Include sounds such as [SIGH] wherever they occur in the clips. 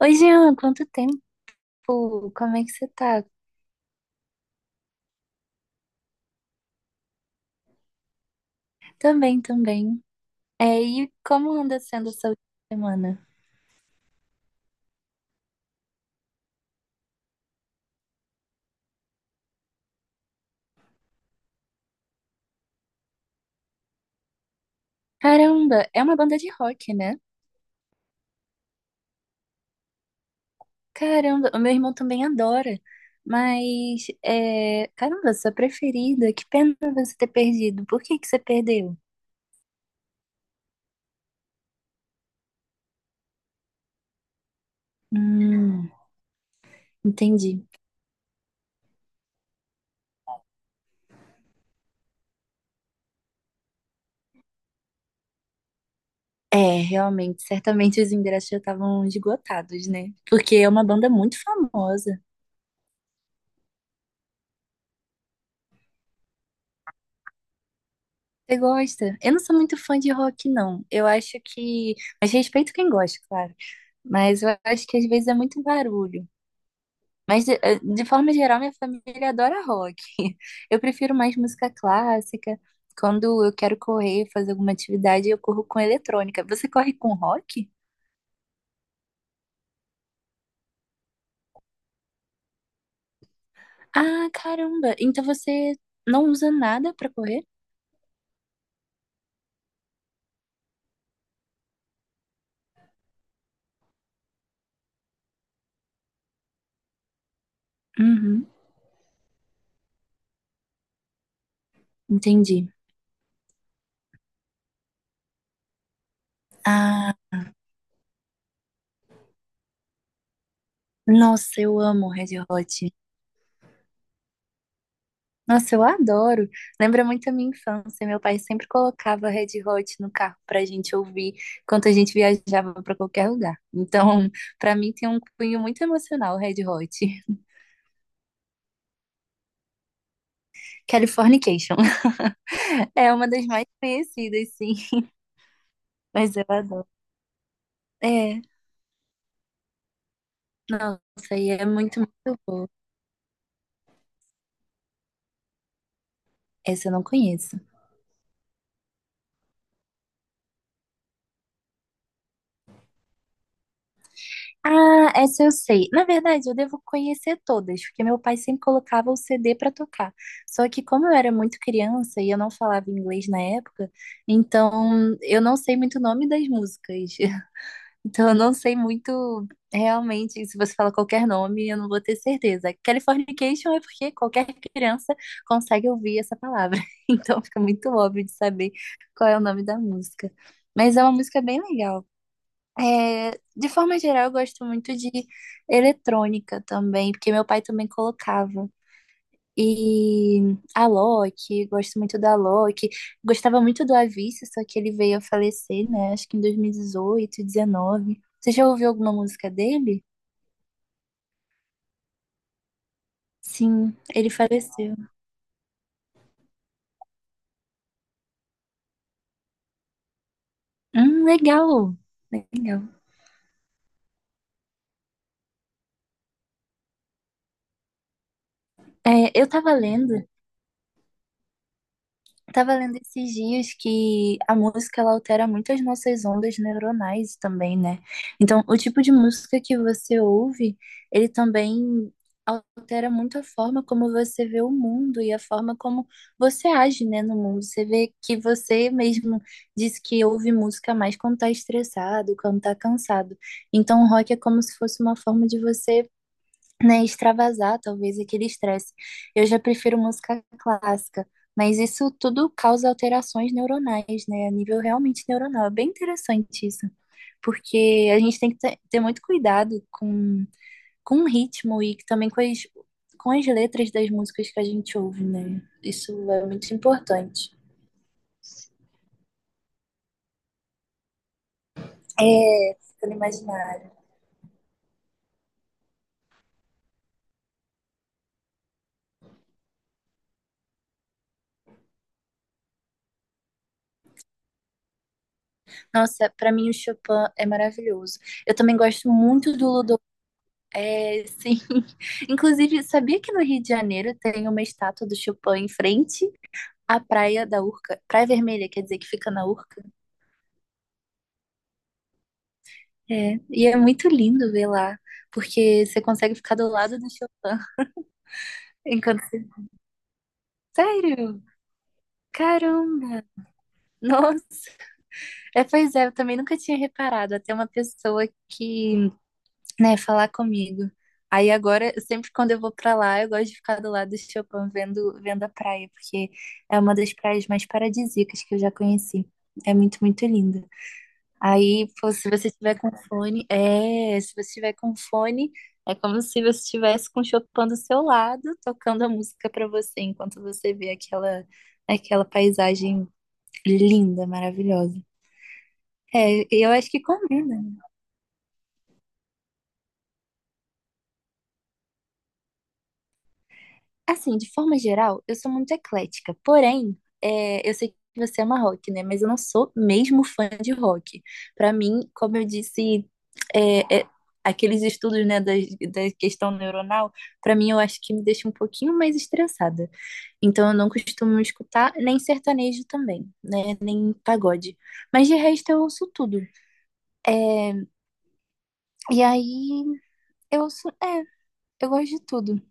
Oi, Jean, quanto tempo? Como é que você tá? Também, também. É, e como anda sendo essa última semana? Caramba, é uma banda de rock, né? Caramba, o meu irmão também adora. Mas, caramba, sua preferida, que pena você ter perdido. Por que que você perdeu? Hum, entendi. É, realmente, certamente os ingressos já estavam esgotados, né? Porque é uma banda muito famosa. Você gosta? Eu não sou muito fã de rock, não. Eu acho que. Mas respeito quem gosta, claro. Mas eu acho que às vezes é muito barulho. Mas, de forma geral, minha família adora rock. [LAUGHS] Eu prefiro mais música clássica. Quando eu quero correr, fazer alguma atividade, eu corro com eletrônica. Você corre com rock? Ah, caramba! Então você não usa nada pra correr? Uhum, entendi. Ah, nossa, eu amo Red Hot. Nossa, eu adoro. Lembra muito a minha infância. Meu pai sempre colocava Red Hot no carro pra gente ouvir enquanto a gente viajava pra qualquer lugar. Então, [LAUGHS] pra mim tem um cunho muito emocional, Red Hot. [LAUGHS] Californication. [LAUGHS] É uma das mais conhecidas, sim. Mas eu adoro. É, nossa, e é muito, muito boa. Essa eu não conheço. Ah, essa eu sei. Na verdade, eu devo conhecer todas, porque meu pai sempre colocava o CD para tocar. Só que como eu era muito criança e eu não falava inglês na época, então eu não sei muito o nome das músicas. [LAUGHS] Então eu não sei muito realmente, se você fala qualquer nome, eu não vou ter certeza. Californication é porque qualquer criança consegue ouvir essa palavra. [LAUGHS] Então fica muito óbvio de saber qual é o nome da música. Mas é uma música bem legal. É, de forma geral, eu gosto muito de eletrônica também, porque meu pai também colocava. E a Loki, gosto muito da Loki. Gostava muito do Avicii, só que ele veio a falecer, né? Acho que em 2018, 19. Você já ouviu alguma música dele? Sim, ele faleceu. Legal. Legal. É, eu tava lendo Tava lendo esses dias que a música ela altera muito as nossas ondas neuronais também, né? Então, o tipo de música que você ouve, ele também altera muito a forma como você vê o mundo e a forma como você age, né, no mundo. Você vê que você mesmo diz que ouve música mais quando tá estressado, quando tá cansado. Então, o rock é como se fosse uma forma de você né, extravasar talvez aquele estresse. Eu já prefiro música clássica, mas isso tudo causa alterações neuronais, né, a nível realmente neuronal. É bem interessante isso, porque a gente tem que ter muito cuidado com o ritmo e também com as letras das músicas que a gente ouve, né? Isso é muito importante. É, ficando imaginário. Nossa, para mim o Chopin é maravilhoso. Eu também gosto muito do É, sim. [LAUGHS] Inclusive, sabia que no Rio de Janeiro tem uma estátua do Chopin em frente à Praia da Urca? Praia Vermelha, quer dizer, que fica na Urca? É. E é muito lindo ver lá, porque você consegue ficar do lado do Chopin [LAUGHS] enquanto você... Sério? Caramba! Nossa! É, pois é, eu também nunca tinha reparado. Até uma pessoa que né, falar comigo. Aí agora, sempre quando eu vou pra lá, eu gosto de ficar do lado do Chopin vendo a praia, porque é uma das praias mais paradisíacas que eu já conheci. É muito, muito linda. Aí, pô, se você tiver com fone, é, se você tiver com fone, é como se você estivesse com o Chopin do seu lado, tocando a música pra você, enquanto você vê aquela paisagem linda, maravilhosa. É, eu acho que combina. Assim, de forma geral, eu sou muito eclética. Porém, eu sei que você ama rock, né? Mas eu não sou mesmo fã de rock. Pra mim, como eu disse, é, é, aqueles estudos, né, da questão neuronal, pra mim eu acho que me deixa um pouquinho mais estressada. Então eu não costumo escutar nem sertanejo também, né? Nem pagode. Mas de resto eu ouço tudo. E aí eu ouço, é, eu gosto de tudo.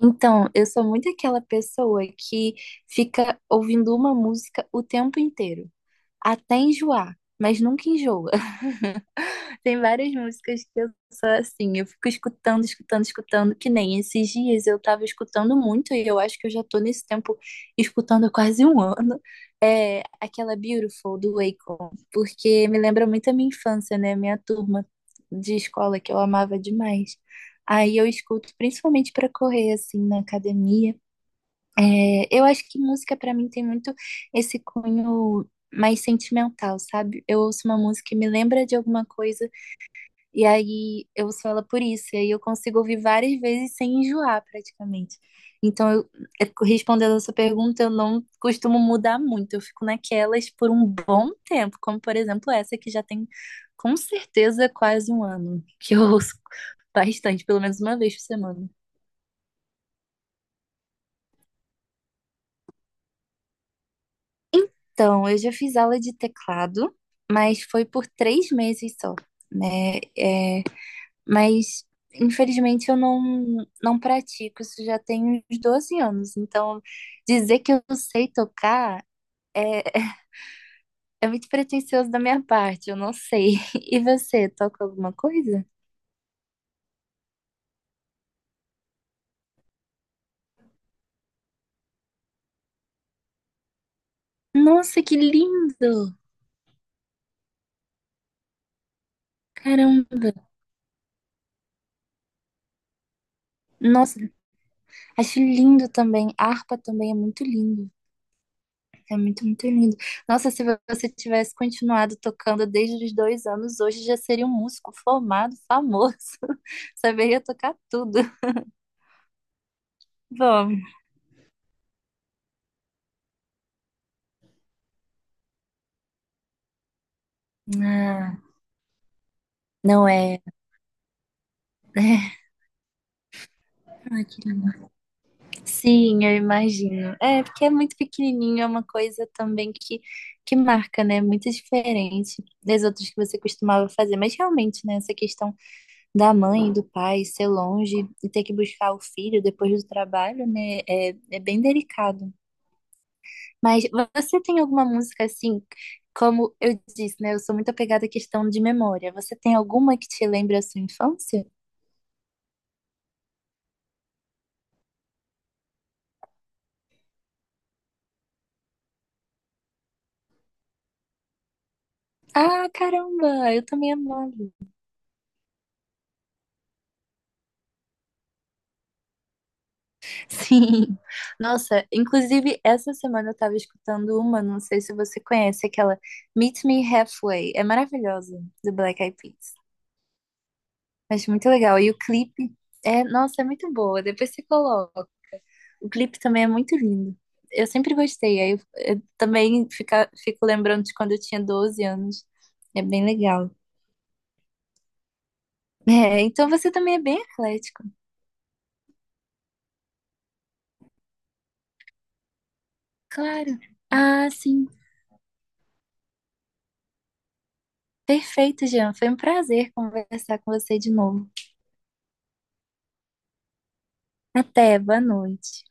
Então, eu sou muito aquela pessoa que fica ouvindo uma música o tempo inteiro até enjoar, mas nunca enjoa. [LAUGHS] Tem várias músicas que eu sou assim, eu fico escutando, escutando, escutando, que nem esses dias eu tava escutando muito, e eu acho que eu já tô nesse tempo escutando há quase um ano, é aquela Beautiful do Akon, porque me lembra muito a minha infância, né? Minha turma de escola que eu amava demais. Aí eu escuto principalmente pra correr assim na academia. É, eu acho que música pra mim tem muito esse cunho mais sentimental, sabe? Eu ouço uma música e me lembra de alguma coisa, e aí eu ouço ela por isso, e aí eu consigo ouvir várias vezes sem enjoar praticamente. Então, eu, respondendo a sua pergunta, eu não costumo mudar muito, eu fico naquelas por um bom tempo, como por exemplo essa que já tem com certeza quase um ano, que eu ouço bastante, pelo menos uma vez por semana. Então, eu já fiz aula de teclado, mas foi por 3 meses só, né? Mas, infelizmente, eu não pratico, isso já tem uns 12 anos. Então, dizer que eu sei tocar é, [LAUGHS] é muito pretensioso da minha parte, eu não sei. [LAUGHS] E você, toca alguma coisa? Nossa, que lindo! Caramba! Nossa, acho lindo também. Harpa também é muito lindo. É muito, muito lindo. Nossa, se você tivesse continuado tocando desde os 2 anos, hoje já seria um músico formado, famoso. [LAUGHS] Saberia tocar tudo. Bom, ah, não é. É. Ai, que lindo. Sim, eu imagino. É, porque é muito pequenininho, é uma coisa também que marca, né? Muito diferente das outras que você costumava fazer. Mas realmente, né? Essa questão da mãe, e do pai, ser longe e ter que buscar o filho depois do trabalho, né? É bem delicado. Mas você tem alguma música assim, como eu disse, né? Eu sou muito apegada à questão de memória. Você tem alguma que te lembra a sua infância? Ah, caramba, eu também amava. [LAUGHS] Sim. Nossa, inclusive essa semana eu tava escutando uma, não sei se você conhece, aquela Meet Me Halfway. É maravilhosa, do Black Eyed Peas. Acho muito legal. E o clipe nossa, é muito boa. Depois você coloca. O clipe também é muito lindo. Eu sempre gostei. Aí eu também fico lembrando de quando eu tinha 12 anos. É bem legal. É, então você também é bem eclético. Claro. Ah, sim. Perfeito, Jean. Foi um prazer conversar com você de novo. Até, boa noite.